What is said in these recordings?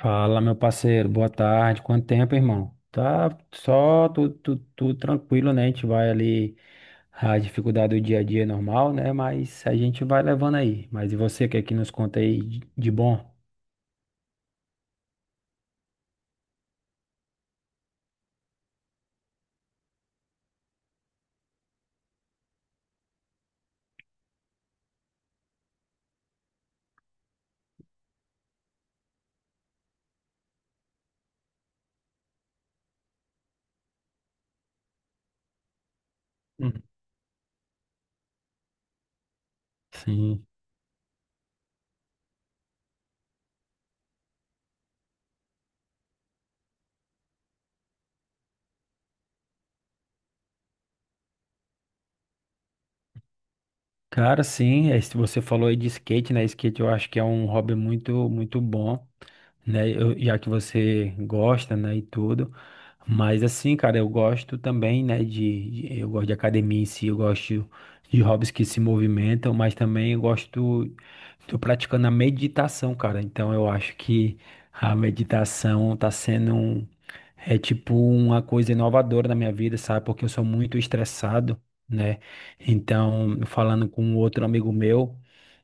Fala, meu parceiro, boa tarde. Quanto tempo, irmão? Tá só tudo tranquilo, né? A gente vai ali, a dificuldade do dia a dia é normal, né? Mas a gente vai levando aí. Mas e você, o que é que nos conta aí de bom? Hum. Sim. Cara, sim, se você falou aí de skate, né? Skate eu acho que é um hobby muito, muito bom. Né? Eu, já que você gosta, né, e tudo. Mas assim, cara, eu gosto também, né, eu gosto de academia em si, eu gosto de hobbies que se movimentam, mas também eu gosto, tô praticando a meditação, cara. Então eu acho que a meditação tá sendo um, é tipo uma coisa inovadora na minha vida, sabe? Porque eu sou muito estressado, né? Então, falando com um outro amigo meu,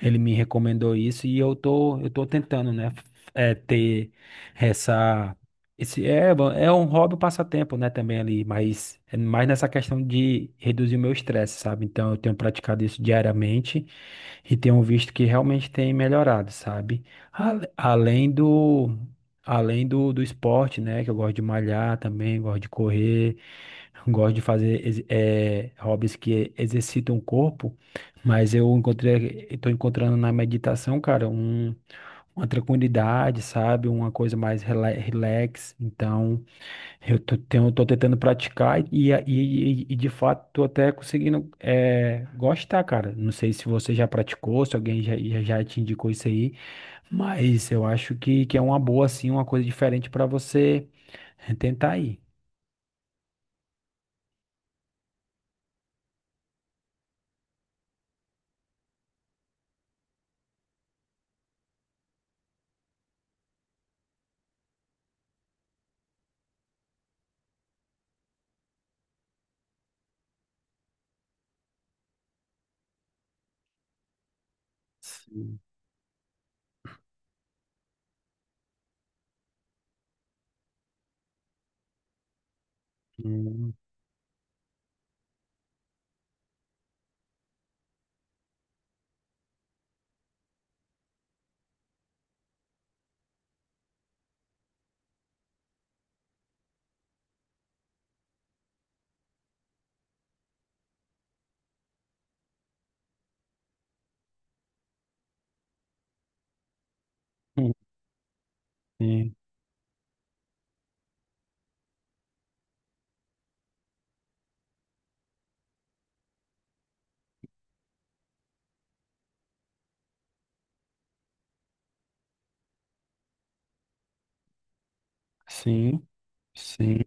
ele me recomendou isso e eu tô tentando, né, ter essa, é bom, é um hobby, um passatempo, né, também ali, mas é mais nessa questão de reduzir o meu estresse, sabe? Então eu tenho praticado isso diariamente e tenho visto que realmente tem melhorado, sabe? Além do, do esporte, né, que eu gosto de malhar também, gosto de correr. Gosto de fazer hobbies que exercitam o corpo, mas estou encontrando na meditação, cara, um, uma tranquilidade, sabe? Uma coisa mais relax. Então, tô tentando praticar e de fato tô até conseguindo gostar, cara. Não sei se você já praticou, se alguém já te indicou isso aí, mas eu acho que é uma boa, assim, uma coisa diferente para você tentar aí. Sim. Hum. Sim, sim, sim.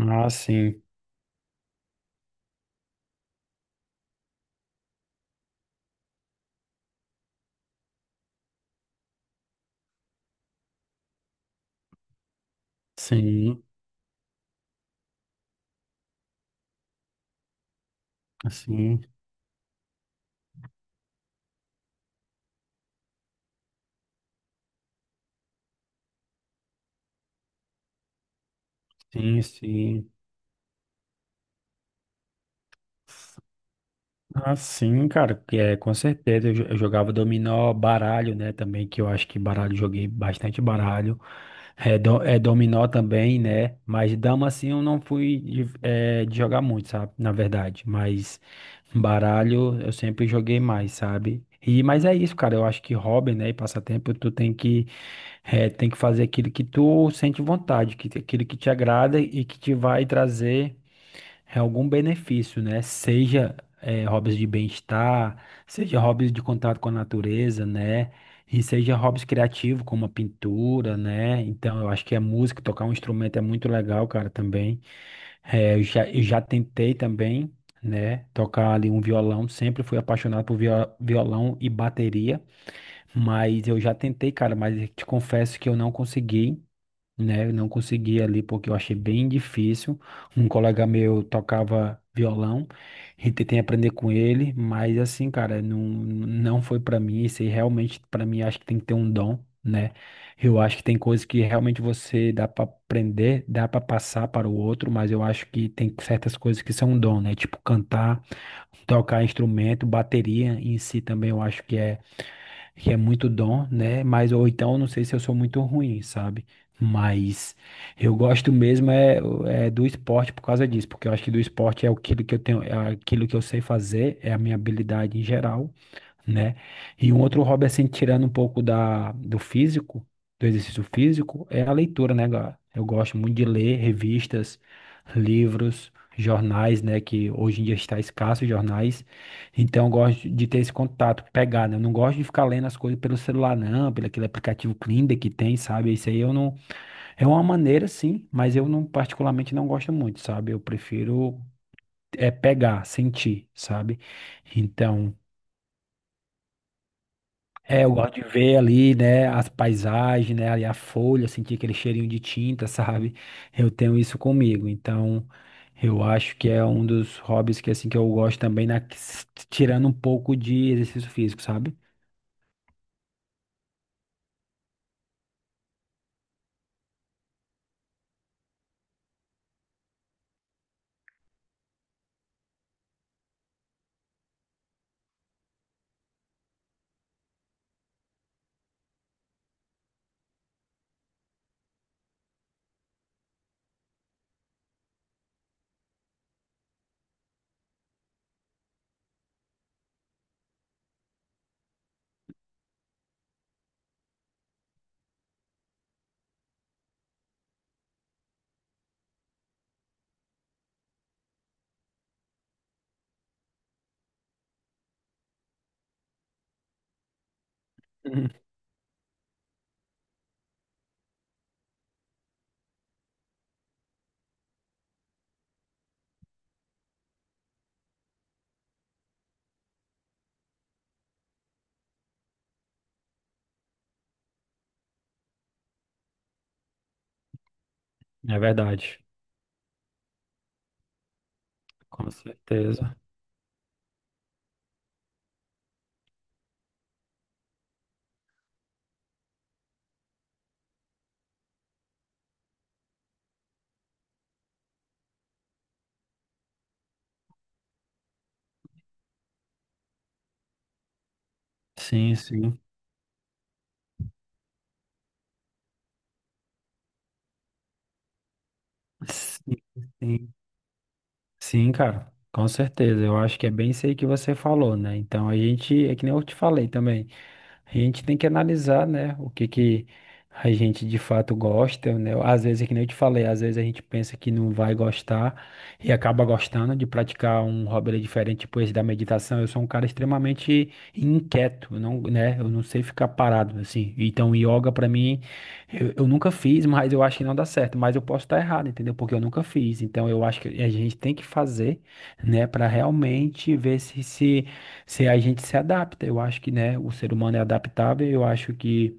Ah, sim, sim, sim, sim, sim. Ah, sim, cara, que é, com certeza. Eu jogava dominó, baralho, né? Também, que eu acho que baralho, joguei bastante baralho. É, é dominó também, né? Mas dama, assim, eu não fui de, de jogar muito, sabe? Na verdade. Mas baralho eu sempre joguei mais, sabe? E, mas é isso, cara. Eu acho que hobby, né? E passatempo, tu tem que, tem que fazer aquilo que tu sente vontade, que, aquilo que te agrada e que te vai trazer. É algum benefício, né? Seja hobbies de bem-estar, seja hobbies de contato com a natureza, né? E seja hobbies criativos, como a pintura, né? Então, eu acho que a música, tocar um instrumento é muito legal, cara, também. Eu já tentei também, né? Tocar ali um violão, sempre fui apaixonado por violão e bateria, mas eu já tentei, cara, mas eu te confesso que eu não consegui, né? Eu não consegui ali porque eu achei bem difícil. Um colega meu tocava violão, e tentei aprender com ele, mas assim, cara, não foi pra mim. Isso aí realmente pra mim acho que tem que ter um dom, né? Eu acho que tem coisas que realmente você dá pra aprender, dá pra passar para o outro, mas eu acho que tem certas coisas que são um dom, né? Tipo cantar, tocar instrumento, bateria em si também eu acho que é muito dom, né? Mas ou então eu não sei se eu sou muito ruim, sabe? Mas eu gosto mesmo é do esporte por causa disso, porque eu acho que do esporte é aquilo que eu tenho, é aquilo que eu sei fazer, é a minha habilidade em geral, né? E um outro hobby, assim, tirando um pouco do físico, do exercício físico, é a leitura, né, cara? Eu gosto muito de ler revistas, livros, jornais, né? Que hoje em dia está escasso jornais. Então, eu gosto de ter esse contato, pegar, né? Eu não gosto de ficar lendo as coisas pelo celular, não, pelo aquele aplicativo Kindle que tem, sabe? Isso aí eu não. É uma maneira, sim, mas eu não, particularmente, não gosto muito, sabe? Eu prefiro. É pegar, sentir, sabe? Então, é, eu gosto de ver ali, né, as paisagens, né, ali a folha, sentir aquele cheirinho de tinta, sabe? Eu tenho isso comigo. Então, eu acho que é um dos hobbies que assim que eu gosto também, tirando um pouco de exercício físico, sabe? Uhum. É verdade. Com certeza. Sim, sim. Sim, sim. Sim, cara. Com certeza. Eu acho que é bem isso aí que você falou, né? Então, a gente, é que nem eu te falei também. A gente tem que analisar, né, o que a gente de fato gosta, né? Às vezes, é que nem eu te falei, às vezes a gente pensa que não vai gostar e acaba gostando de praticar um hobby ali diferente, tipo esse da meditação. Eu sou um cara extremamente inquieto, eu não, né? Eu não sei ficar parado assim. Então, yoga pra mim, eu nunca fiz, mas eu acho que não dá certo. Mas eu posso estar errado, entendeu? Porque eu nunca fiz. Então, eu acho que a gente tem que fazer, né, pra realmente ver se a gente se adapta. Eu acho que, né, o ser humano é adaptável, eu acho que.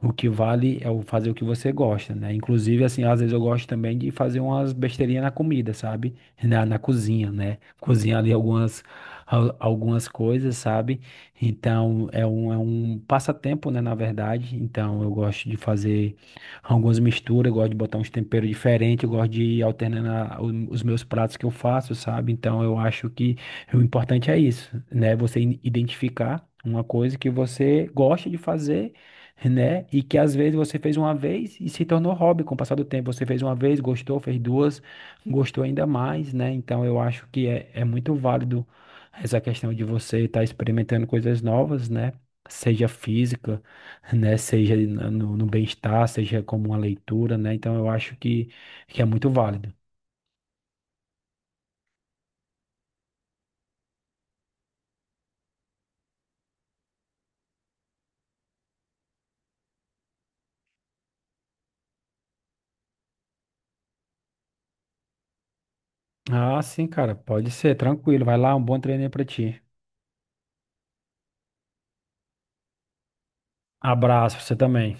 O que vale é o fazer o que você gosta, né? Inclusive, assim, às vezes eu gosto também de fazer umas besteirinhas na comida, sabe? Na cozinha, né? Cozinhar ali algumas, algumas coisas, sabe? Então, é um passatempo, né? Na verdade. Então, eu gosto de fazer algumas misturas, eu gosto de botar uns temperos diferentes, eu gosto de ir alternando os meus pratos que eu faço, sabe? Então, eu acho que o importante é isso, né? Você identificar. Uma coisa que você gosta de fazer, né? E que às vezes você fez uma vez e se tornou hobby com o passar do tempo. Você fez uma vez, gostou, fez duas, gostou ainda mais, né? Então eu acho que é muito válido essa questão de você estar experimentando coisas novas, né? Seja física, né? Seja no bem-estar, seja como uma leitura, né? Então eu acho que é muito válido. Ah, sim, cara, pode ser, tranquilo. Vai lá, um bom treino aí pra ti. Abraço, você também.